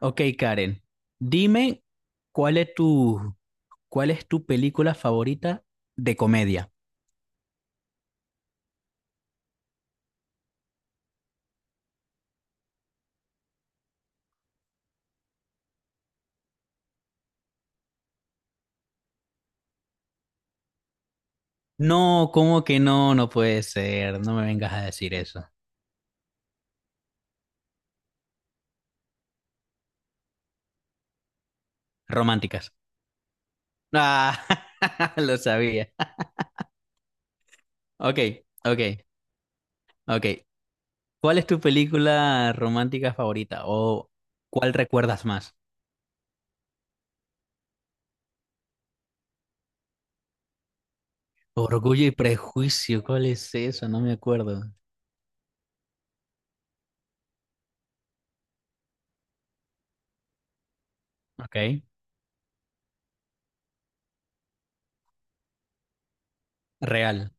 Ok, Karen, dime cuál es tu, cuál es tu película favorita de comedia. No, ¿cómo que no? No puede ser. No me vengas a decir eso. Románticas. Ah, lo sabía. Ok, ok, ok. ¿Cuál es tu película romántica favorita? ¿O cuál recuerdas más? Orgullo y prejuicio, ¿cuál es eso? No me acuerdo. Ok, real.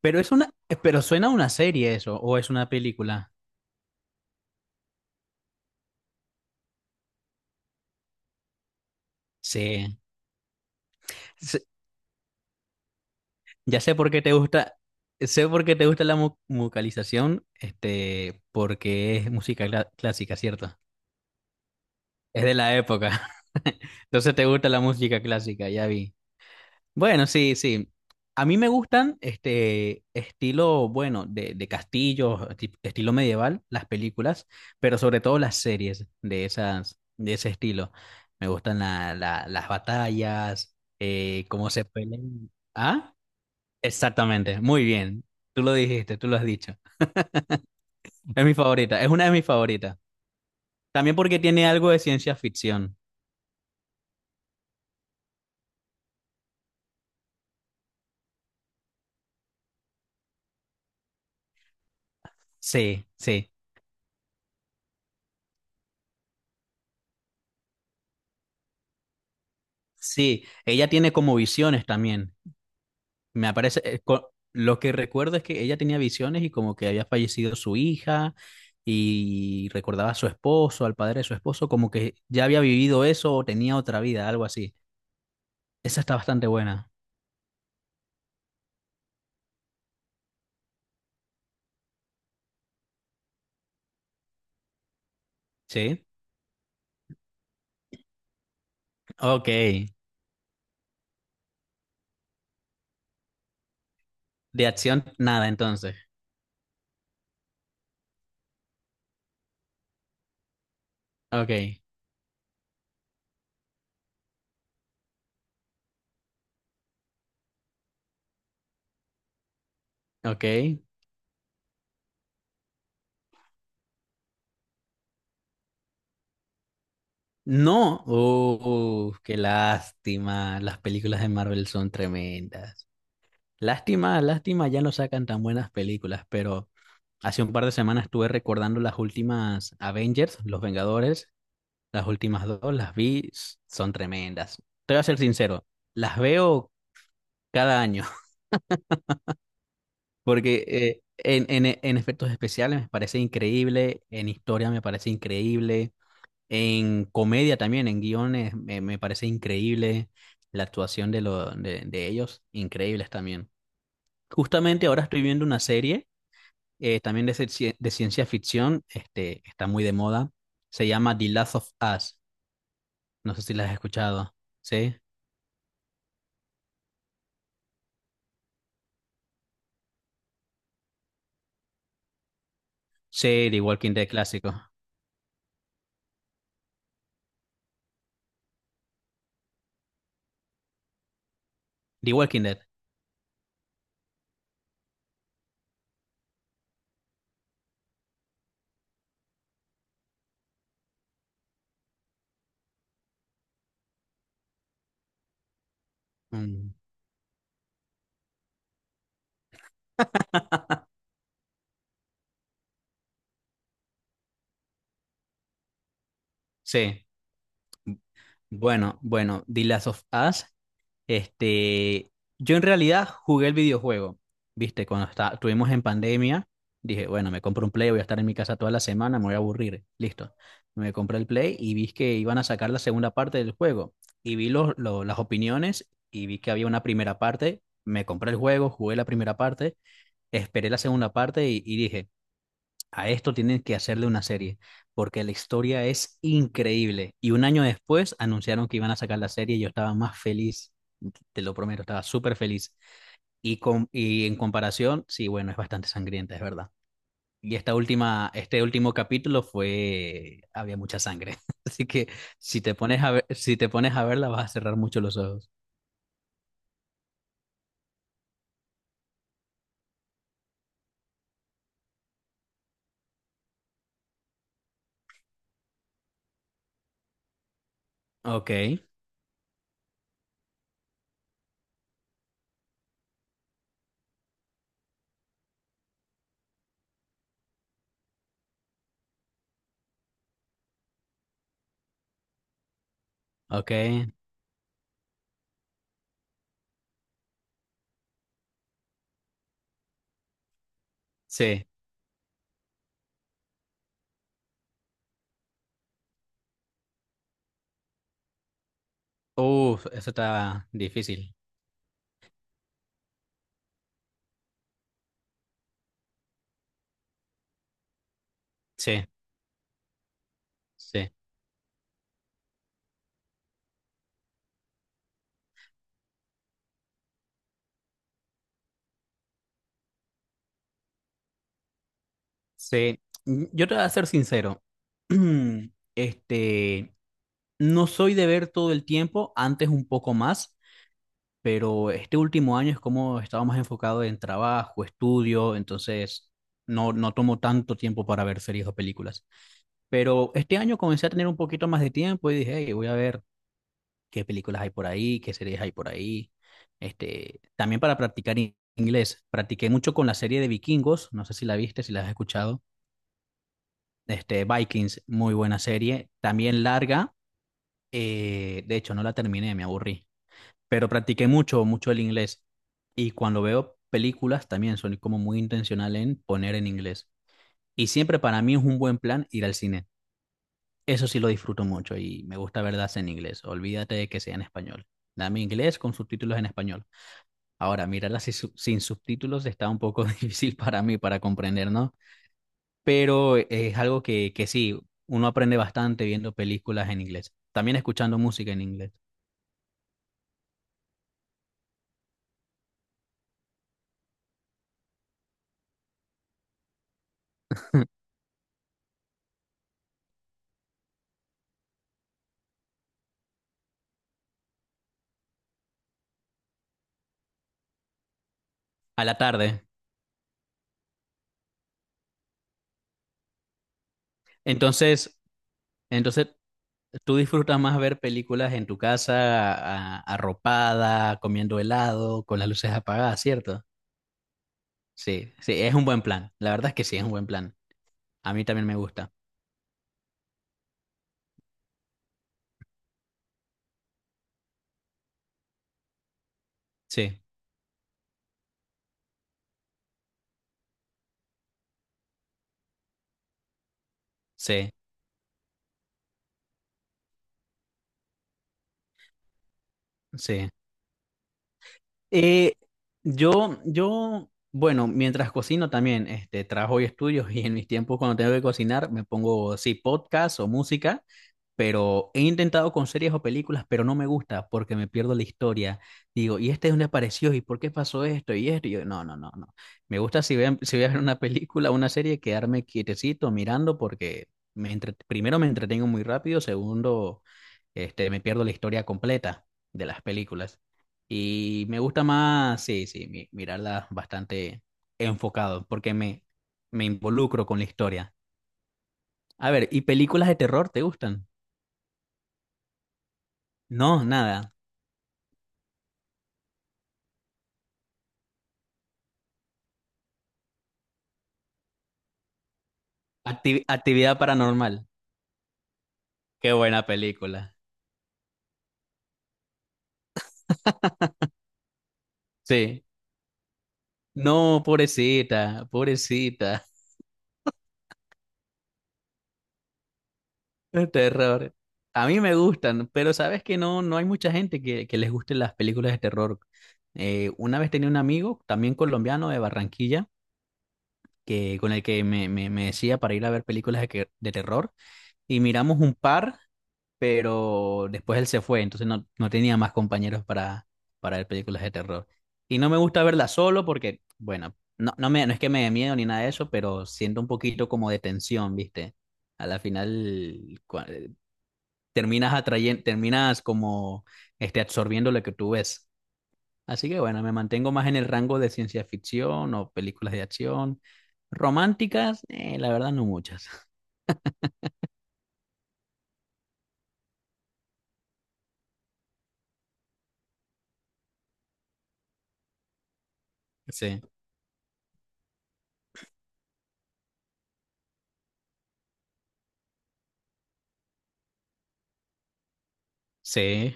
Pero es una, pero suena a una serie eso, o es una película. Sí. sé- ya sé por qué te gusta, sé por qué te gusta la musicalización, porque es música clásica, ¿cierto? Es de la época. Entonces te gusta la música clásica, ya vi. Bueno, sí, sí. A mí me gustan este estilo, bueno, de castillos, estilo medieval, las películas, pero sobre todo las series de esas, de ese estilo. Me gustan las batallas, cómo se pelean. ¿Ah? Exactamente, muy bien. Tú lo dijiste, tú lo has dicho. Es mi favorita, es una de mis favoritas. También porque tiene algo de ciencia ficción. Sí, sí, sí. Ella tiene como visiones también. Me aparece, lo que recuerdo es que ella tenía visiones y como que había fallecido su hija y recordaba a su esposo, al padre de su esposo, como que ya había vivido eso o tenía otra vida, algo así. Esa está bastante buena. Sí. Ok. De acción, nada entonces. Ok, ok. No, oh, qué lástima. Las películas de Marvel son tremendas. Lástima, lástima, ya no sacan tan buenas películas, pero hace un par de semanas estuve recordando las últimas Avengers, Los Vengadores, las últimas dos, las vi, son tremendas. Te voy a ser sincero, las veo cada año, porque en efectos especiales me parece increíble, en historia me parece increíble. En comedia también, en guiones, me parece increíble la actuación de ellos, increíbles también. Justamente ahora estoy viendo una serie también de ciencia ficción, está muy de moda, se llama The Last of Us, no sé si la has escuchado, ¿sí? Sí, The Walking Dead clásico. The Walking Dead. Mm, sí, bueno, bueno. The Last of Us. Este, yo en realidad jugué el videojuego, viste, cuando estuvimos en pandemia, dije, bueno, me compro un Play, voy a estar en mi casa toda la semana, me voy a aburrir, listo. Me compré el Play y vi que iban a sacar la segunda parte del juego y vi las opiniones y vi que había una primera parte, me compré el juego, jugué la primera parte, esperé la segunda parte y dije, a esto tienen que hacerle una serie, porque la historia es increíble. Y un año después anunciaron que iban a sacar la serie y yo estaba más feliz, te lo prometo, estaba súper feliz. Y en comparación, sí, bueno, es bastante sangrienta, es verdad. Y esta última, había mucha sangre. Así que si te pones a ver, si te pones a verla, vas a cerrar mucho los ojos. Ok, ok, sí. Uf, eso está difícil. Sí, sí. Sí. Yo te voy a ser sincero. Este, no soy de ver todo el tiempo, antes un poco más, pero este último año es como estaba más enfocado en trabajo, estudio, entonces no tomo tanto tiempo para ver series o películas. Pero este año comencé a tener un poquito más de tiempo y dije, "Hey, voy a ver qué películas hay por ahí, qué series hay por ahí". También para practicar inglés. Practiqué mucho con la serie de Vikingos, no sé si la viste, si la has escuchado. Vikings, muy buena serie, también larga, de hecho no la terminé, me aburrí, pero practiqué mucho, mucho el inglés y cuando veo películas también soy como muy intencional en poner en inglés. Y siempre para mí es un buen plan ir al cine. Eso sí lo disfruto mucho y me gusta verlas en inglés. Olvídate de que sea en español. Dame inglés con subtítulos en español. Ahora, mirarlas sin subtítulos está un poco difícil para mí para comprender, ¿no? Pero es algo que sí, uno aprende bastante viendo películas en inglés, también escuchando música en inglés. A la tarde. Entonces, entonces, tú disfrutas más ver películas en tu casa, arropada, comiendo helado, con las luces apagadas, ¿cierto? Sí, sí, es un buen plan. La verdad es que sí, es un buen plan. A mí también me gusta. Sí, sí, sí. Eh, yo, bueno, mientras cocino también, trabajo y estudios y en mis tiempos cuando tengo que cocinar me pongo, sí, podcast o música, pero he intentado con series o películas, pero no me gusta porque me pierdo la historia. Digo, ¿y este dónde apareció? ¿Y por qué pasó esto? Y esto, y yo, no, no, no, no. Me gusta si voy a ver una película o una serie, quedarme quietecito mirando porque primero me entretengo muy rápido, segundo, me pierdo la historia completa de las películas. Y me gusta más, sí, sí, mirarlas bastante enfocado, porque me involucro con la historia. A ver, ¿y películas de terror te gustan? No, nada. Actividad paranormal. Qué buena película. Sí. No, pobrecita, pobrecita. Terror. A mí me gustan, pero sabes que no hay mucha gente que les gusten las películas de terror. Una vez tenía un amigo, también colombiano de Barranquilla, que, con el que me decía para ir a ver películas de terror y miramos un par, pero después él se fue, entonces no tenía más compañeros para, ver películas de terror. Y no me gusta verlas solo porque, bueno, no es que me dé miedo ni nada de eso, pero siento un poquito como de tensión, ¿viste? A la final cua- terminas terminas como absorbiendo lo que tú ves. Así que bueno, me mantengo más en el rango de ciencia ficción o películas de acción. Románticas, la verdad no muchas. Sí, sí.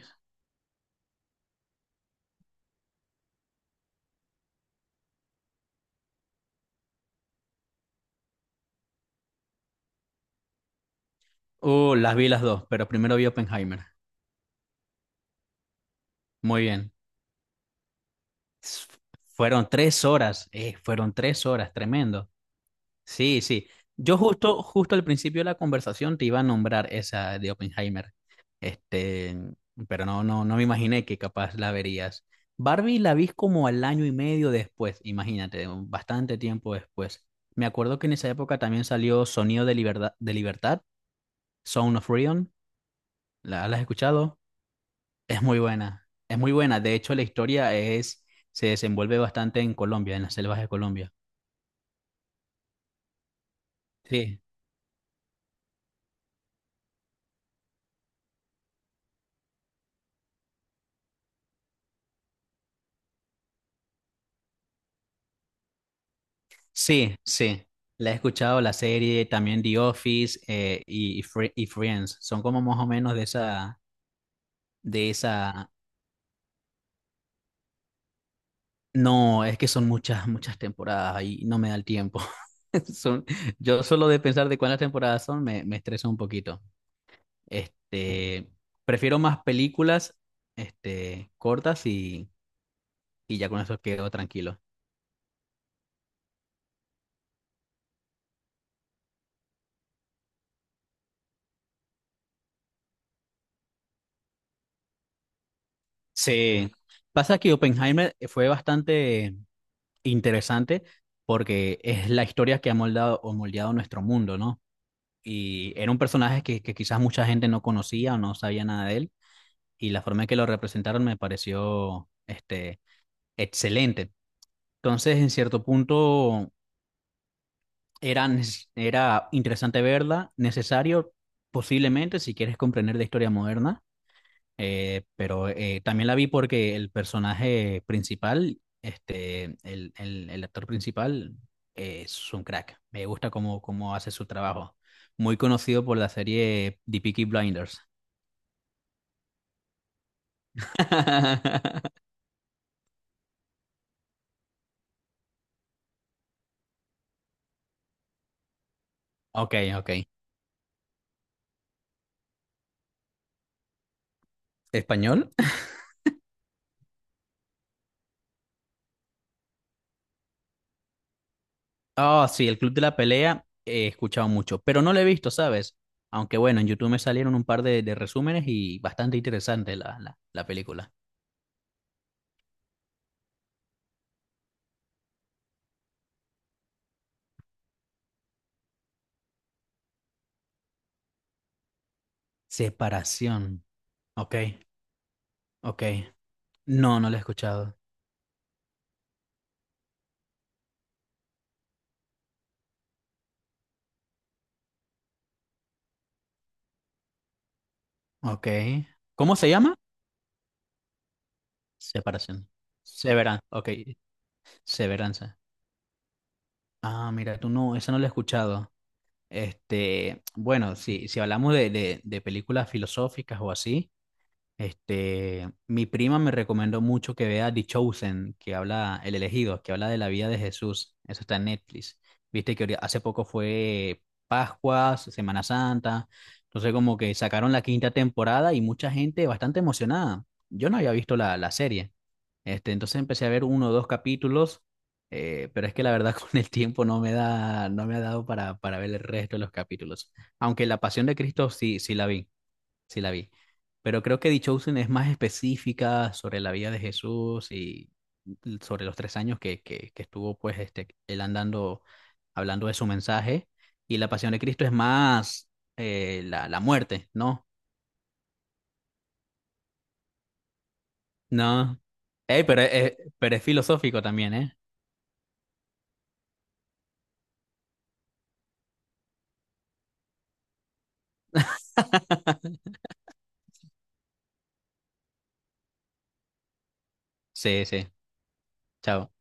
Las vi las dos, pero primero vi Oppenheimer. Muy bien. S- Fueron 3 horas, fueron 3 horas, tremendo. Sí, sí. Yo justo, justo al principio de la conversación te iba a nombrar esa de Oppenheimer. Este, pero no me imaginé que capaz la verías. Barbie la vi como al año y medio después, imagínate, bastante tiempo después. Me acuerdo que en esa época también salió Sonido de Libertad, Sound of Freedom. ¿La has escuchado? Es muy buena, es muy buena. De hecho, la historia se desenvuelve bastante en Colombia, en las selvas de Colombia. Sí. Sí, sí. La he escuchado la serie, también The Office y Friends. Son como más o menos de esa. No, es que son muchas, muchas temporadas y no me da el tiempo. Son, yo solo de pensar de cuántas temporadas son me estresa un poquito. Este, Prefiero más películas, cortas y ya con eso quedo tranquilo. Sí. Pasa que Oppenheimer fue bastante interesante porque es la historia que ha moldado o moldeado nuestro mundo, ¿no? Y era un personaje que quizás mucha gente no conocía o no sabía nada de él, y la forma en que lo representaron me pareció excelente. Entonces, en cierto punto, era interesante verla, necesario posiblemente si quieres comprender la historia moderna. Pero también la vi porque el personaje principal, el actor principal, es un crack. Me gusta cómo hace su trabajo. Muy conocido por la serie The Peaky Blinders. Ok, ok. ¿Español? Oh, sí, el Club de la Pelea he escuchado mucho, pero no lo he visto, ¿sabes? Aunque bueno, en YouTube me salieron un par de resúmenes y bastante interesante la película. Separación. Ok, ok. No, no lo he escuchado. Ok. ¿Cómo se llama? Separación. Severanza. Ok. Severanza. Ah, mira, tú no, esa no la he escuchado. Bueno, si hablamos de películas filosóficas o así. Mi prima me recomendó mucho que vea The Chosen, que habla, El Elegido, que habla de la vida de Jesús. Eso está en Netflix. Viste que hace poco fue Pascuas, Semana Santa. Entonces como que sacaron la quinta temporada y mucha gente bastante emocionada. Yo no había visto la serie. Entonces empecé a ver uno o dos capítulos, pero es que la verdad con el tiempo no me ha dado para, ver el resto de los capítulos. Aunque La Pasión de Cristo sí, sí la vi. Pero creo que The Chosen es más específica sobre la vida de Jesús y sobre los 3 años que estuvo pues él andando, hablando de su mensaje. Y la pasión de Cristo es más la muerte, ¿no? No. Ey, pero es filosófico también, ¿eh? Sí, sí. Chao.